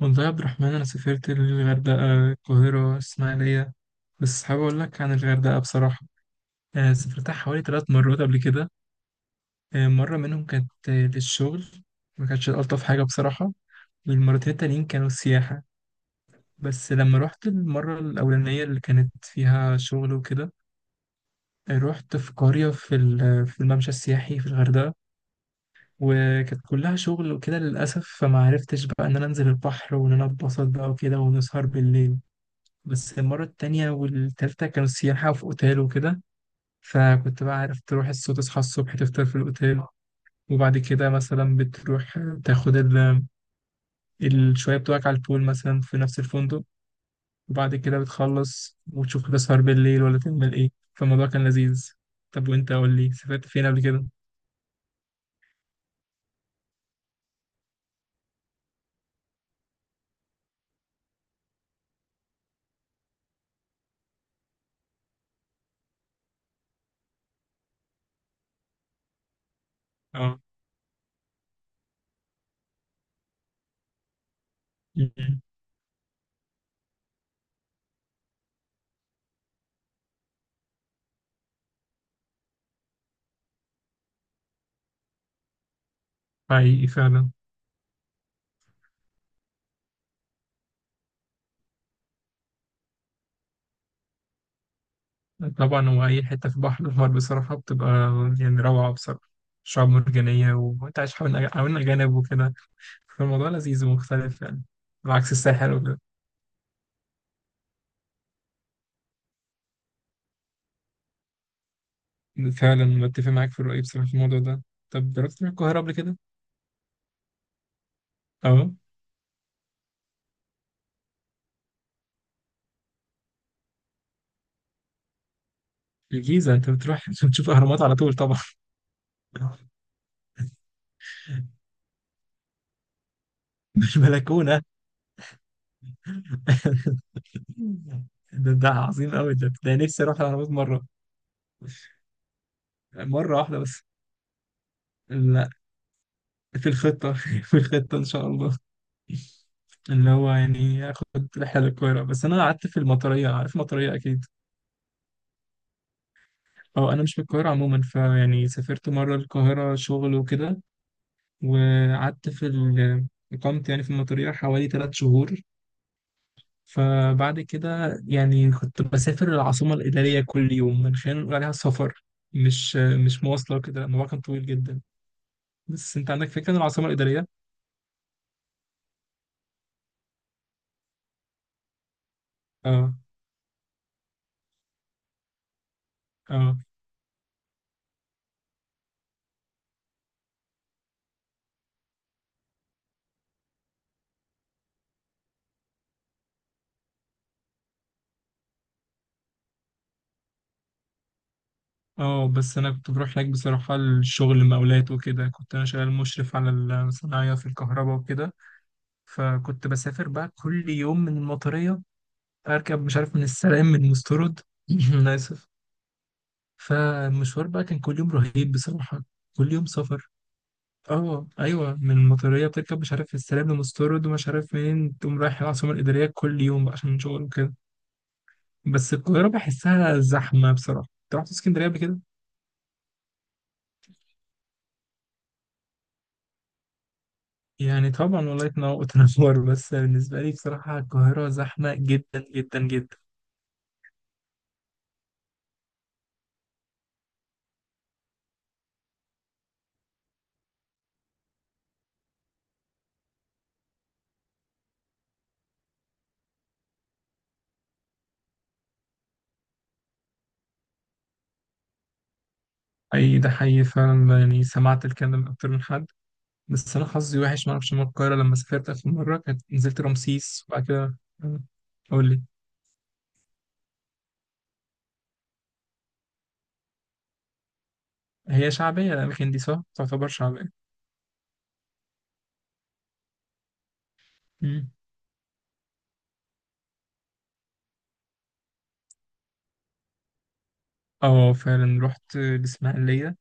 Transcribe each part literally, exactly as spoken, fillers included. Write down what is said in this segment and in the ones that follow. والله يا عبد الرحمن، أنا سافرت للغردقة، القاهرة، الإسماعيلية. بس حابب أقول لك عن الغردقة بصراحة. آه، سافرتها حوالي ثلاث مرات قبل كده. آه، مرة منهم كانت آه، للشغل. ما كانتش ألطف حاجة بصراحة. والمرتين التانيين كانوا سياحة. بس لما رحت المرة الأولانية اللي كانت فيها شغل وكده، آه، رحت في قرية في ال- في الممشى السياحي في الغردقة. وكانت كلها شغل وكده للأسف، فما عرفتش بقى إن أنا أنزل البحر وإن أنا أتبسط بقى وكده ونسهر بالليل. بس المرة التانية والتالتة كانوا سياحة في أوتيل وكده. فكنت بقى عارف تروح الصبح، تصحى الصبح، تفطر في الأوتيل، وبعد كده مثلا بتروح تاخد ال- الشوية بتوعك على البول مثلا في نفس الفندق. وبعد كده بتخلص وتشوف هتسهر بالليل ولا تعمل إيه. فالموضوع كان لذيذ. طب وأنت قول لي، سافرت فين قبل كده؟ اه. م- م. حقيقي فعلا. طبعا هو أي حتة في بحر الغرب بصراحة بتبقى يعني روعة بصراحة. شعاب مرجانية وأنت عايش حوالين حوالين أجانب وكده. فالموضوع لذيذ ومختلف يعني، على عكس الساحل وكده. فعلا متفق معاك في الرأي بصراحة في الموضوع ده. طب رحت تروح القاهرة قبل كده؟ اه. الجيزة انت بتروح عشان تشوف اهرامات على طول طبعا. مش بلكونة. ده, ده عظيم قوي. ده ده نفسي اروح الاهرامات مرة. مرة واحدة بس. لا، في الخطة في الخطة ان شاء الله. اللي هو يعني اخد رحلة للقاهرة، بس انا قعدت في المطرية. عارف المطرية اكيد. اه، انا مش من القاهره عموما، فيعني سافرت مره القاهره شغل وكده. وقعدت في ال- اقامت يعني في المطريه حوالي ثلاث شهور. فبعد كده يعني كنت بسافر العاصمه الاداريه كل يوم، من خلال نقول عليها سفر. مش مش مواصله وكده، لأن الموضوع كان طويل جدا. بس انت عندك فكره عن العاصمه الاداريه؟ اه، اه، اه. بس انا كنت بروح هناك بصراحه، الشغل مقاولات وكده. كنت انا شغال مشرف على الصناعيه في الكهرباء وكده. فكنت بسافر بقى كل يوم من المطرية، اركب مش عارف من السلام من مسترد. انا اسف. فالمشوار بقى كان كل يوم رهيب بصراحه. كل يوم سفر. اه، ايوه. من المطريه بتركب مش عارف السلام لمسترد ومش عارف منين، تقوم رايح العاصمه الاداريه كل يوم بقى عشان شغل وكده. بس القاهره بحسها زحمه بصراحه. انت رحت اسكندريه قبل كده؟ يعني طبعا، والله تنور تنور. بس بالنسبه لي بصراحه القاهره زحمه جدا جدا جدا. اي، ده حقيقي فعلا، يعني سمعت الكلام ده من اكتر من حد. بس انا حظي وحش، ما اعرفش من القاهره، لما سافرت اخر مره كانت نزلت رمسيس وبعد كده آه، قول لي، هي شعبيه الاماكن دي؟ صح، تعتبر شعبيه. مم. اه، فعلا رحت الاسماعيليه.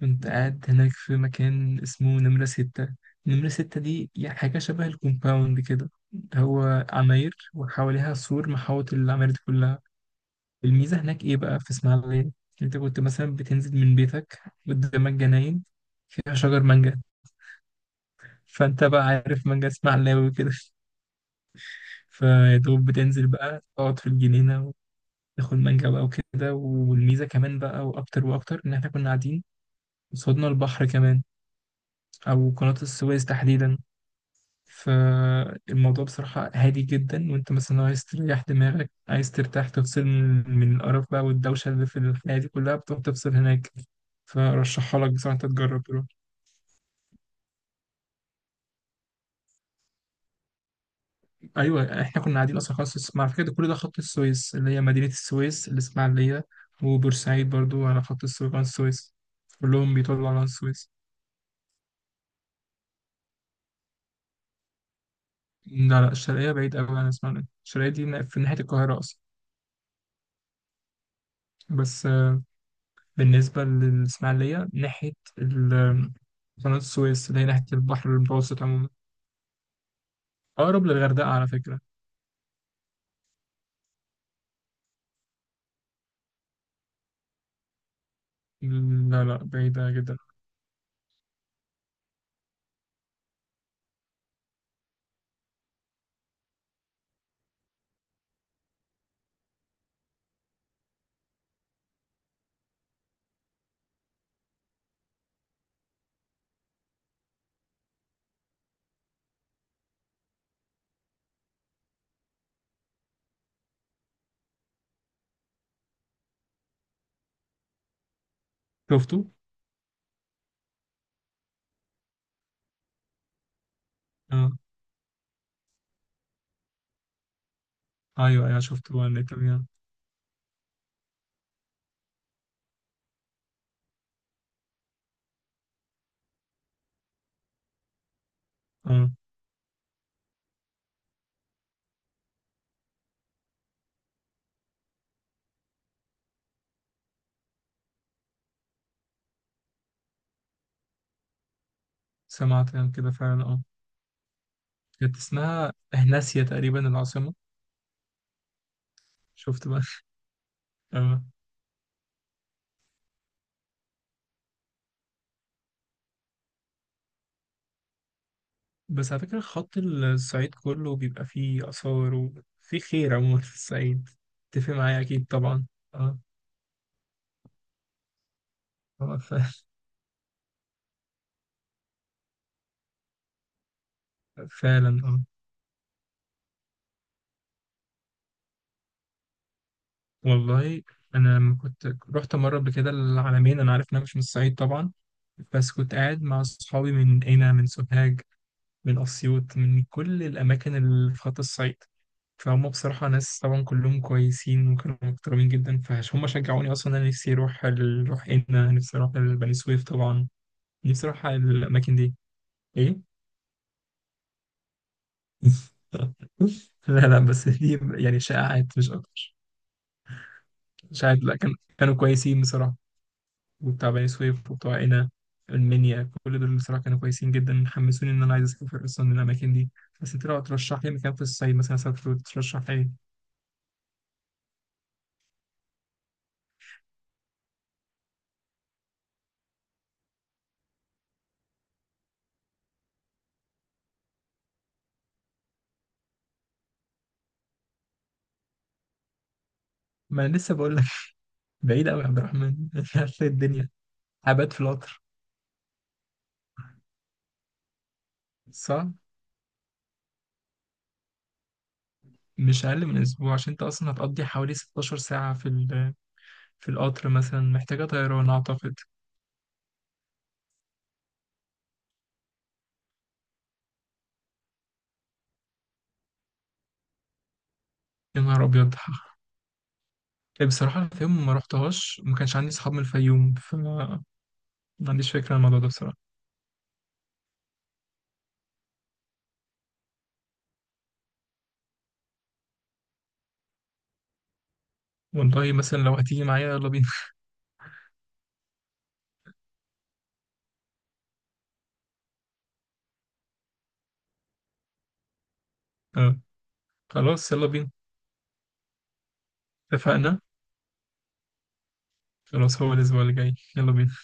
كنت قاعد هناك في مكان اسمه نمره ستة. نمره ستة دي يعني حاجه شبه الكومباوند كده. هو عماير وحواليها سور محاوط العماير دي كلها. الميزه هناك ايه بقى في اسماعيليه؟ انت كنت مثلا بتنزل من بيتك، قدامك جناين فيها شجر مانجا، فانت بقى عارف مانجا اسمها علاوي وكده. فيا دوب بتنزل بقى تقعد في الجنينة، وتاخد مانجا بقى وكده. والميزة كمان بقى وأكتر وأكتر إن إحنا كنا قاعدين قصادنا البحر كمان، أو قناة السويس تحديدا. فالموضوع بصراحة هادي جدا، وأنت مثلا عايز تريح دماغك، عايز ترتاح، تفصل من من القرف بقى والدوشة اللي في الحياة دي كلها، بتروح تفصل هناك. فرشحها لك بصراحة، أنت تجرب. ايوه، احنا كنا قاعدين اصلا خلاص في الس- مع فكره، ده كل ده خط السويس اللي هي مدينه السويس، الاسماعيليه، وبورسعيد برضو على خط السويس، قناه السويس. كلهم بيطلعوا على قناه السويس. لا، لا، الشرقيه بعيد قوي عن الاسماعيليه. الشرقيه دي نا- في ناحيه القاهره اصلا. بس آه، بالنسبه للاسماعيليه، ناحيه ال- قناه السويس، اللي هي ناحيه البحر المتوسط عموما. اقرب للغردقه على فكره. لا، لا، بعيده جدا. شفته؟ اه، ايوه، ايوه، شفته على النت. اه، سمعت عن كده فعلا. اه، كانت اسمها هناسيا تقريبا العاصمة. شفت بقى؟ اه. بس على فكرة خط الصعيد كله بيبقى فيه آثار وفيه خير عموما في الصعيد. تتفق معايا أكيد طبعا. اه، اه، ف- فعلا. اه، والله أنا لما كنت رحت مرة قبل كده العلمين، أنا عارف إن أنا مش من الصعيد طبعا. بس كنت قاعد مع أصحابي من هنا، من سوهاج، من أسيوط، من كل الأماكن اللي في خط الصعيد. فهم بصراحة ناس طبعا كلهم كويسين وكانوا محترمين جدا. فهم شجعوني أصلا أنا. نفسي أروح ال- أروح هنا. نفسي أروح البني سويف طبعا. نفسي أروح على الأماكن دي. إيه؟ لا، لا، بس دي يعني شائعات مش أكتر. شائعات، لا، كان كانوا كويسين بصراحة. وبتاع بني سويف وبتوع هنا المنيا، كل دول بصراحة كانوا كويسين جدا. حمسوني إن أنا عايز أسافر أصلا الأماكن دي. بس أنت لو ترشح لي مكان في الصعيد مثلا أسافر، وترشح لي. ما انا لسه بقول لك. بعيد قوي يا عبد الرحمن. مش عارف إيه الدنيا، هبات في القطر. صح، مش اقل من اسبوع. عشان انت اصلا هتقضي حوالي ستاشر ساعه في ال- في القطر مثلا، محتاجه طيران اعتقد. يا نهار ابيض. بصراحه الفيوم ما رحتهاش، وما كانش عندي اصحاب من الفيوم، فما عنديش فكره عن الموضوع ده بصراحه. والله مثلا لو هتيجي معايا يلا بينا. آه، خلاص، يلا بينا. اتفقنا. خلاص، هو الاسبوع اللي جاي يلا بينا.